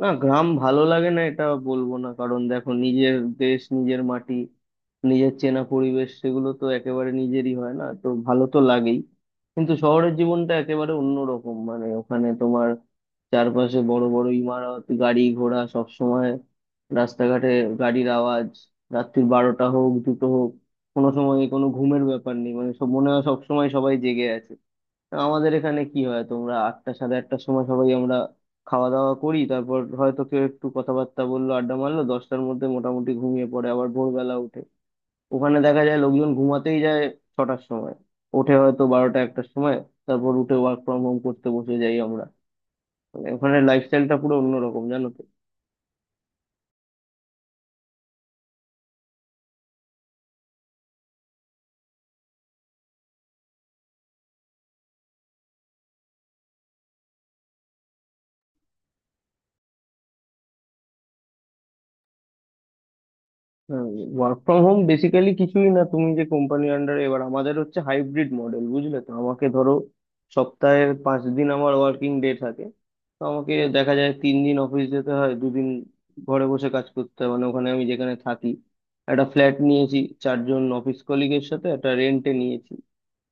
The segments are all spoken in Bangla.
না, গ্রাম ভালো লাগে না এটা বলবো না কারণ দেখো নিজের দেশ নিজের মাটি নিজের চেনা পরিবেশ সেগুলো তো একেবারে নিজেরই হয়, না তো ভালো তো লাগেই। কিন্তু শহরের জীবনটা একেবারে অন্যরকম, মানে ওখানে তোমার চারপাশে বড় বড় ইমারত, গাড়ি ঘোড়া সব সময়, রাস্তাঘাটে গাড়ির আওয়াজ, রাত্রির বারোটা হোক দুটো হোক কোনো সময় কোনো ঘুমের ব্যাপার নেই, মানে সব মনে হয় সব সময় সবাই জেগে আছে। আমাদের এখানে কি হয়, তোমরা আটটা সাড়ে আটটার সময় সবাই আমরা খাওয়া দাওয়া করি, তারপর হয়তো কেউ একটু কথাবার্তা বললো, আড্ডা মারলো, দশটার মধ্যে মোটামুটি ঘুমিয়ে পড়ে আবার ভোরবেলা উঠে। ওখানে দেখা যায় লোকজন ঘুমাতেই যায় ছটার সময়, ওঠে হয়তো বারোটা একটার সময়, তারপর উঠে ওয়ার্ক ফ্রম হোম করতে বসে যাই আমরা। মানে ওখানে লাইফস্টাইলটা পুরো অন্যরকম জানো তো। ওয়ার্ক ফ্রম হোম বেসিক্যালি কিছুই না, তুমি যে কোম্পানি আন্ডারে, এবার আমাদের হচ্ছে হাইব্রিড মডেল বুঝলে তো, আমাকে ধরো সপ্তাহে পাঁচ দিন আমার ওয়ার্কিং ডে থাকে। তো আমাকে দেখা যায় তিন দিন অফিস যেতে হয়, দুদিন ঘরে বসে কাজ করতে হয়। মানে ওখানে আমি যেখানে থাকি একটা ফ্ল্যাট নিয়েছি, চারজন অফিস কলিগের সাথে একটা রেন্টে নিয়েছি।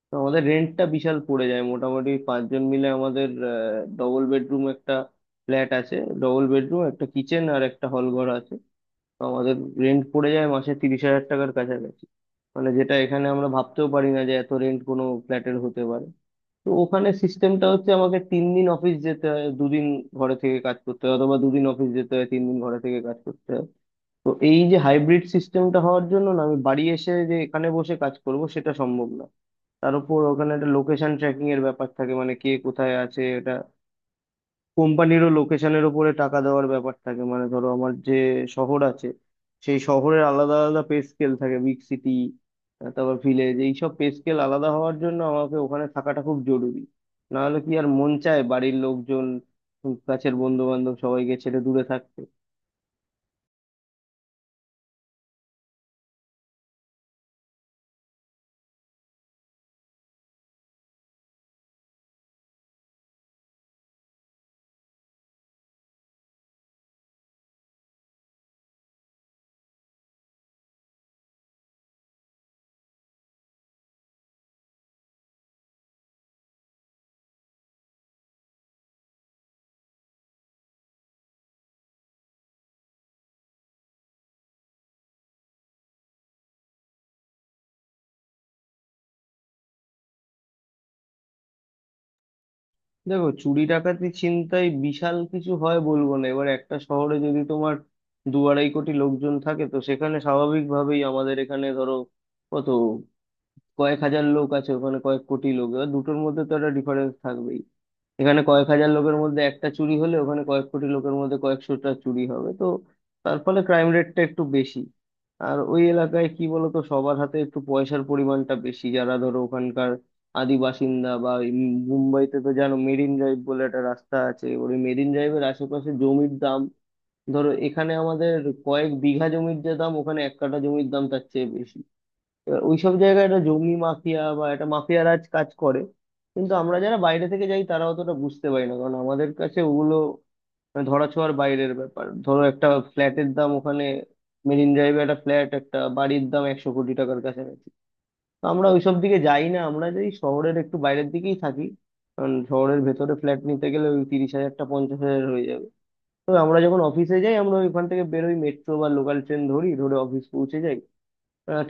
তো আমাদের রেন্টটা বিশাল পড়ে যায়, মোটামুটি পাঁচজন মিলে আমাদের ডবল বেডরুম একটা ফ্ল্যাট আছে। ডবল বেডরুম, একটা কিচেন আর একটা হল ঘর আছে। তো আমাদের রেন্ট পড়ে যায় মাসে 30,000 টাকার কাছাকাছি। মানে যেটা এখানে আমরা ভাবতেও পারি না যে এত রেন্ট কোনো ফ্ল্যাটের হতে পারে। তো ওখানে সিস্টেমটা হচ্ছে আমাকে তিন দিন অফিস যেতে হয়, দুদিন ঘরে থেকে কাজ করতে হয়, অথবা দুদিন অফিস যেতে হয়, তিন দিন ঘরে থেকে কাজ করতে হয়। তো এই যে হাইব্রিড সিস্টেমটা হওয়ার জন্য না, আমি বাড়ি এসে যে এখানে বসে কাজ করব সেটা সম্ভব না। তার উপর ওখানে একটা লোকেশন ট্র্যাকিং এর ব্যাপার থাকে, মানে কে কোথায় আছে এটা কোম্পানিরও লোকেশনের উপরে টাকা দেওয়ার ব্যাপার থাকে। মানে ধরো আমার যে শহর আছে সেই শহরের আলাদা আলাদা পে স্কেল থাকে, বিগ সিটি তারপর ভিলেজ, এইসব পে স্কেল আলাদা হওয়ার জন্য আমাকে ওখানে থাকাটা খুব জরুরি। না হলে কি আর মন চায় বাড়ির লোকজন, কাছের বন্ধু বান্ধব সবাইকে ছেড়ে দূরে থাকতে। দেখো, চুরি ডাকাতি ছিনতাই বিশাল কিছু হয় বলবো না। এবার একটা শহরে যদি তোমার দু আড়াই কোটি লোকজন থাকে, তো সেখানে স্বাভাবিকভাবেই আমাদের এখানে ধরো কত কয়েক হাজার লোক আছে, ওখানে কয়েক কোটি লোক, এবার দুটোর মধ্যে তো একটা ডিফারেন্স থাকবেই। এখানে কয়েক হাজার লোকের মধ্যে একটা চুরি হলে ওখানে কয়েক কোটি লোকের মধ্যে কয়েকশোটা চুরি হবে, তো তার ফলে ক্রাইম রেটটা একটু বেশি। আর ওই এলাকায় কি বলতো, সবার হাতে একটু পয়সার পরিমাণটা বেশি, যারা ধরো ওখানকার আদি বাসিন্দা বা এই মুম্বাইতে তো জানো, মেরিন ড্রাইভ বলে একটা রাস্তা আছে, ওই মেরিন ড্রাইভের আশেপাশে জমির দাম, ধরো এখানে আমাদের কয়েক বিঘা জমির যে দাম ওখানে এক কাঠা জমির দাম তার চেয়ে বেশি। এবার ওইসব জায়গায় একটা জঙ্গি মাফিয়া বা একটা মাফিয়া রাজ কাজ করে। কিন্তু আমরা যারা বাইরে থেকে যাই তারা অতটা বুঝতে পারি না, কারণ আমাদের কাছে ওগুলো মানে ধরাছোঁয়ার বাইরের ব্যাপার। ধরো একটা ফ্ল্যাটের দাম ওখানে মেরিন ড্রাইভে, একটা ফ্ল্যাট, একটা বাড়ির দাম 100 কোটি টাকার কাছাকাছি। তো আমরা ওইসব দিকে যাই না, আমরা যাই শহরের একটু বাইরের দিকেই থাকি, কারণ শহরের ভেতরে ফ্ল্যাট নিতে গেলে ওই 30,000-টা 50,000 হয়ে যাবে। তো আমরা যখন অফিসে যাই আমরা ওইখান থেকে বেরোই, মেট্রো বা লোকাল ট্রেন ধরি, ধরে অফিস পৌঁছে যাই।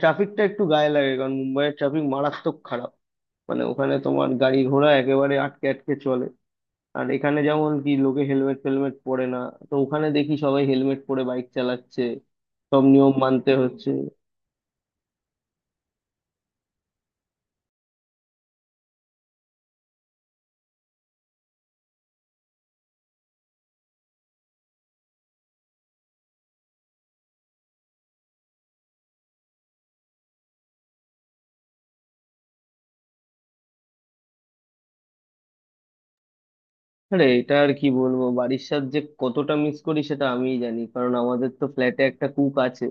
ট্রাফিকটা একটু গায়ে লাগে, কারণ মুম্বাইয়ের ট্রাফিক মারাত্মক খারাপ। মানে ওখানে তোমার গাড়ি ঘোড়া একেবারে আটকে আটকে চলে। আর এখানে যেমন কি লোকে হেলমেট ফেলমেট পরে না, তো ওখানে দেখি সবাই হেলমেট পরে বাইক চালাচ্ছে, সব নিয়ম মানতে হচ্ছে। আরে এটা আর কি বলবো, বাড়ির সাথে যে কতটা মিস করি সেটা আমিই জানি, কারণ আমাদের তো ফ্ল্যাটে একটা কুক আছে।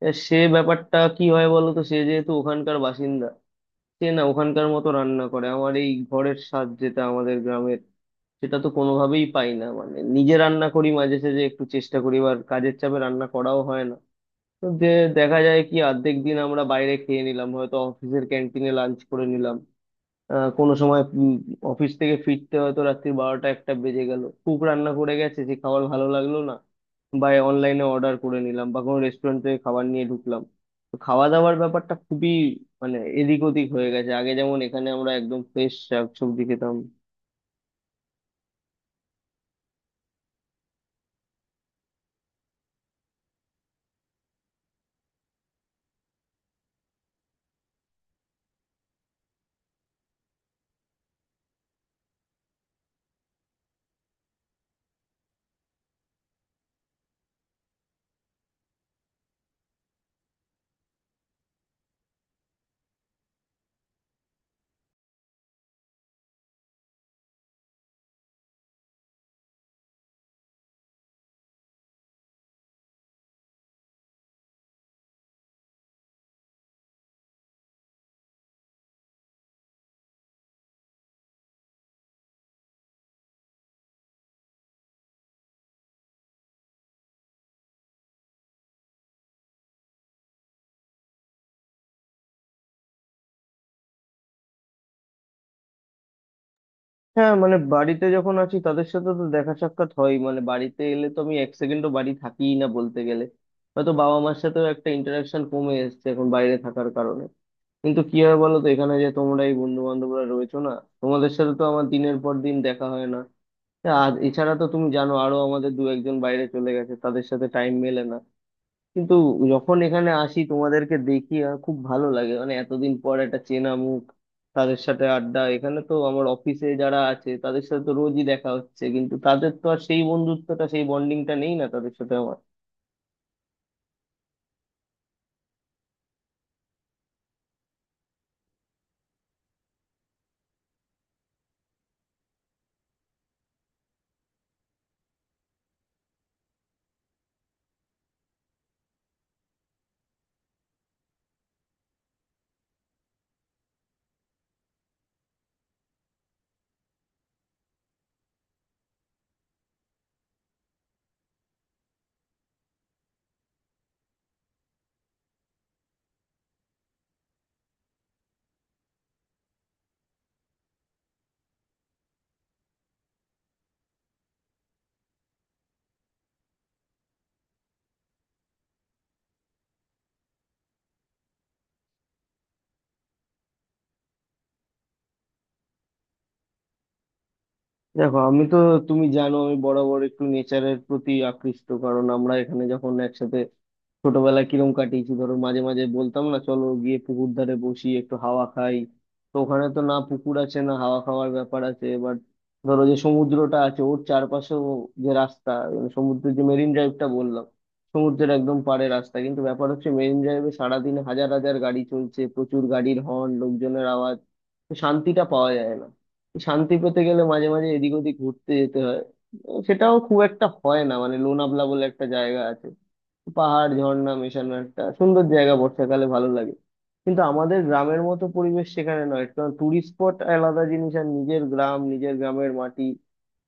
এবার সে ব্যাপারটা কি হয় বলো তো, সে যেহেতু ওখানকার বাসিন্দা, সে না ওখানকার মতো রান্না করে, আমার এই ঘরের স্বাদ যেটা আমাদের গ্রামের, সেটা তো কোনোভাবেই পাই না। মানে নিজে রান্না করি মাঝে সাঝে একটু চেষ্টা করি, এবার কাজের চাপে রান্না করাও হয় না। তো যে দেখা যায় কি অর্ধেক দিন আমরা বাইরে খেয়ে নিলাম, হয়তো অফিসের ক্যান্টিনে লাঞ্চ করে নিলাম, কোনো সময় অফিস থেকে ফিরতে হয়তো রাত্রি বারোটা একটা বেজে গেল, কুক রান্না করে গেছে, সে খাবার ভালো লাগলো না, বা অনলাইনে অর্ডার করে নিলাম, বা কোনো রেস্টুরেন্ট থেকে খাবার নিয়ে ঢুকলাম। তো খাওয়া দাওয়ার ব্যাপারটা খুবই মানে এদিক ওদিক হয়ে গেছে, আগে যেমন এখানে আমরা একদম ফ্রেশ শাকসবজি খেতাম। হ্যাঁ, মানে বাড়িতে যখন আছি তাদের সাথে তো দেখা সাক্ষাৎ হয়, মানে বাড়িতে এলে তো আমি এক সেকেন্ডও বাড়ি থাকিই না বলতে গেলে। হয়তো বাবা মার সাথেও একটা ইন্টারাকশন কমে এসেছে এখন বাইরে থাকার কারণে। কিন্তু কি হয় বলো তো, এখানে যে তোমরা এই বন্ধু বান্ধবরা রয়েছো না, তোমাদের সাথে তো আমার দিনের পর দিন দেখা হয় না। আর এছাড়া তো তুমি জানো আরো আমাদের দু একজন বাইরে চলে গেছে, তাদের সাথে টাইম মেলে না। কিন্তু যখন এখানে আসি তোমাদেরকে দেখি আর খুব ভালো লাগে, মানে এতদিন পর একটা চেনা মুখ, তাদের সাথে আড্ডা। এখানে তো আমার অফিসে যারা আছে তাদের সাথে তো রোজই দেখা হচ্ছে, কিন্তু তাদের তো আর সেই বন্ধুত্বটা সেই বন্ডিংটা নেই না, তাদের সাথে আমার। দেখো, আমি তো, তুমি জানো আমি বরাবর একটু নেচারের প্রতি আকৃষ্ট, কারণ আমরা এখানে যখন একসাথে ছোটবেলায় কিরম কাটিয়েছি, ধরো মাঝে মাঝে বলতাম না চলো গিয়ে পুকুর ধারে বসি একটু হাওয়া খাই। তো ওখানে তো না পুকুর আছে না হাওয়া খাওয়ার ব্যাপার আছে। এবার ধরো যে সমুদ্রটা আছে, ওর চারপাশেও যে রাস্তা, মানে সমুদ্রের যে মেরিন ড্রাইভটা বললাম, সমুদ্রের একদম পাড়ে রাস্তা, কিন্তু ব্যাপার হচ্ছে মেরিন ড্রাইভে সারাদিন হাজার হাজার গাড়ি চলছে, প্রচুর গাড়ির হর্ন, লোকজনের আওয়াজ, তো শান্তিটা পাওয়া যায় না। শান্তি পেতে গেলে মাঝে মাঝে এদিক ওদিক ঘুরতে যেতে হয়, সেটাও খুব একটা হয় না। মানে লোনাভলা বলে একটা জায়গা আছে, পাহাড় ঝর্ণা মেশানো একটা সুন্দর জায়গা, বর্ষাকালে ভালো লাগে। কিন্তু আমাদের গ্রামের মতো পরিবেশ সেখানে নয়, কারণ টুরিস্ট স্পট আলাদা জিনিস, আর নিজের গ্রাম নিজের গ্রামের মাটি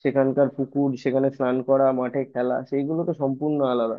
সেখানকার পুকুর, সেখানে স্নান করা, মাঠে খেলা, সেইগুলো তো সম্পূর্ণ আলাদা।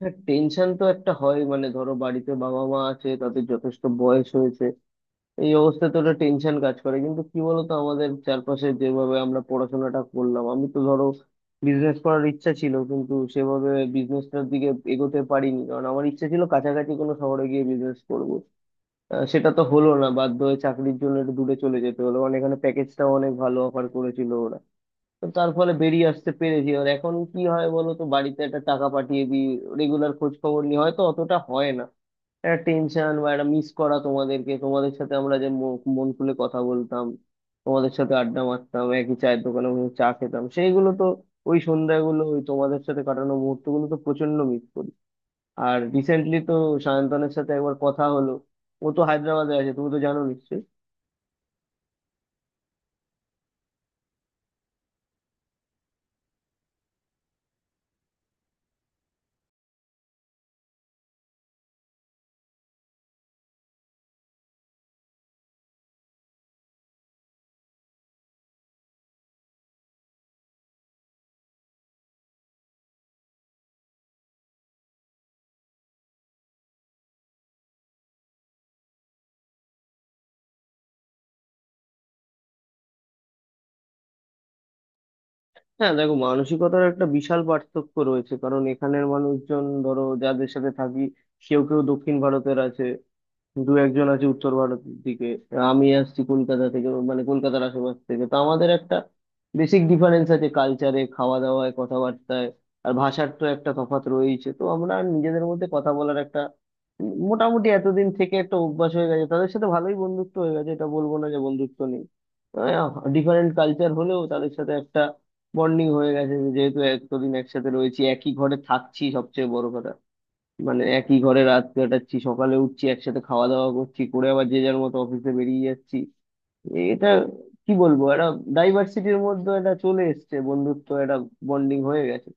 হ্যাঁ, টেনশন তো একটা হয়, মানে ধরো বাড়িতে বাবা মা আছে তাদের যথেষ্ট বয়স হয়েছে, এই অবস্থায় তো একটা টেনশন কাজ করে। কিন্তু কি বলতো, আমাদের চারপাশে যেভাবে আমরা পড়াশোনাটা করলাম, আমি তো ধরো বিজনেস করার ইচ্ছা ছিল, কিন্তু সেভাবে বিজনেসটার দিকে এগোতে পারিনি, কারণ আমার ইচ্ছা ছিল কাছাকাছি কোনো শহরে গিয়ে বিজনেস করব। সেটা তো হলো না, বাধ্য হয়ে চাকরির জন্য একটু দূরে চলে যেতে হলো, কারণ এখানে প্যাকেজটাও অনেক ভালো অফার করেছিল ওরা। তো তার ফলে বেরিয়ে আসতে পেরেছি। আর এখন কি হয় বলো তো, বাড়িতে একটা টাকা পাঠিয়ে দিই, রেগুলার খোঁজ খবর নিই, হয়তো অতটা হয় না। একটা টেনশন বা একটা মিস করা তোমাদেরকে, তোমাদের সাথে আমরা যে মন খুলে কথা বলতাম, তোমাদের সাথে আড্ডা মারতাম, একই চায়ের দোকানে বসে চা খেতাম, সেইগুলো তো, ওই সন্ধ্যাগুলো, ওই তোমাদের সাথে কাটানো মুহূর্তগুলো তো প্রচন্ড মিস করি। আর রিসেন্টলি তো সায়ন্তনের সাথে একবার কথা হলো, ও তো হায়দ্রাবাদে আছে, তুমি তো জানো নিশ্চয়ই। হ্যাঁ, দেখো মানসিকতার একটা বিশাল পার্থক্য রয়েছে, কারণ এখানের মানুষজন ধরো যাদের সাথে থাকি, কেউ কেউ দক্ষিণ ভারতের আছে, দু একজন আছে উত্তর ভারতের দিকে, আমি আসছি কলকাতা থেকে, মানে কলকাতার আশেপাশ থেকে। তো আমাদের একটা বেসিক ডিফারেন্স আছে কালচারে, খাওয়া দাওয়ায়, কথাবার্তায়, আর ভাষার তো একটা তফাৎ রয়েছে। তো আমরা নিজেদের মধ্যে কথা বলার একটা মোটামুটি এতদিন থেকে একটা অভ্যাস হয়ে গেছে, তাদের সাথে ভালোই বন্ধুত্ব হয়ে গেছে, এটা বলবো না যে বন্ধুত্ব নেই। ডিফারেন্ট কালচার হলেও তাদের সাথে একটা বন্ডিং হয়ে গেছে, যেহেতু এতদিন একসাথে রয়েছি, একই ঘরে থাকছি, সবচেয়ে বড় কথা, মানে একই ঘরে রাত কাটাচ্ছি, সকালে উঠছি একসাথে, খাওয়া দাওয়া করছি, করে আবার যে যার মতো অফিসে বেরিয়ে যাচ্ছি। এটা কি বলবো, একটা ডাইভার্সিটির মধ্যে এটা চলে এসছে, বন্ধুত্ব একটা বন্ডিং হয়ে গেছে।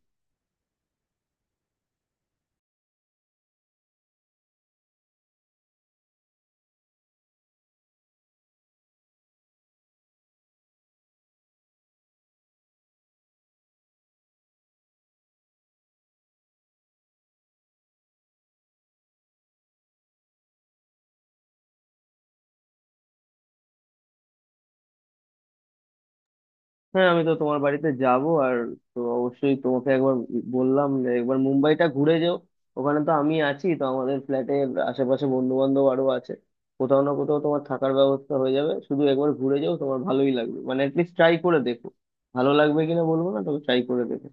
হ্যাঁ, আমি তো তোমার বাড়িতে যাব, আর তো অবশ্যই তোমাকে একবার বললাম যে একবার মুম্বাইটা ঘুরে যাও, ওখানে তো আমি আছি, তো আমাদের ফ্ল্যাটের আশেপাশে বন্ধু বান্ধব আরো আছে, কোথাও না কোথাও তোমার থাকার ব্যবস্থা হয়ে যাবে। শুধু একবার ঘুরে যাও, তোমার ভালোই লাগবে, মানে অ্যাটলিস্ট ট্রাই করে দেখো। ভালো লাগবে কিনা বলবো না, তবে ট্রাই করে দেখো।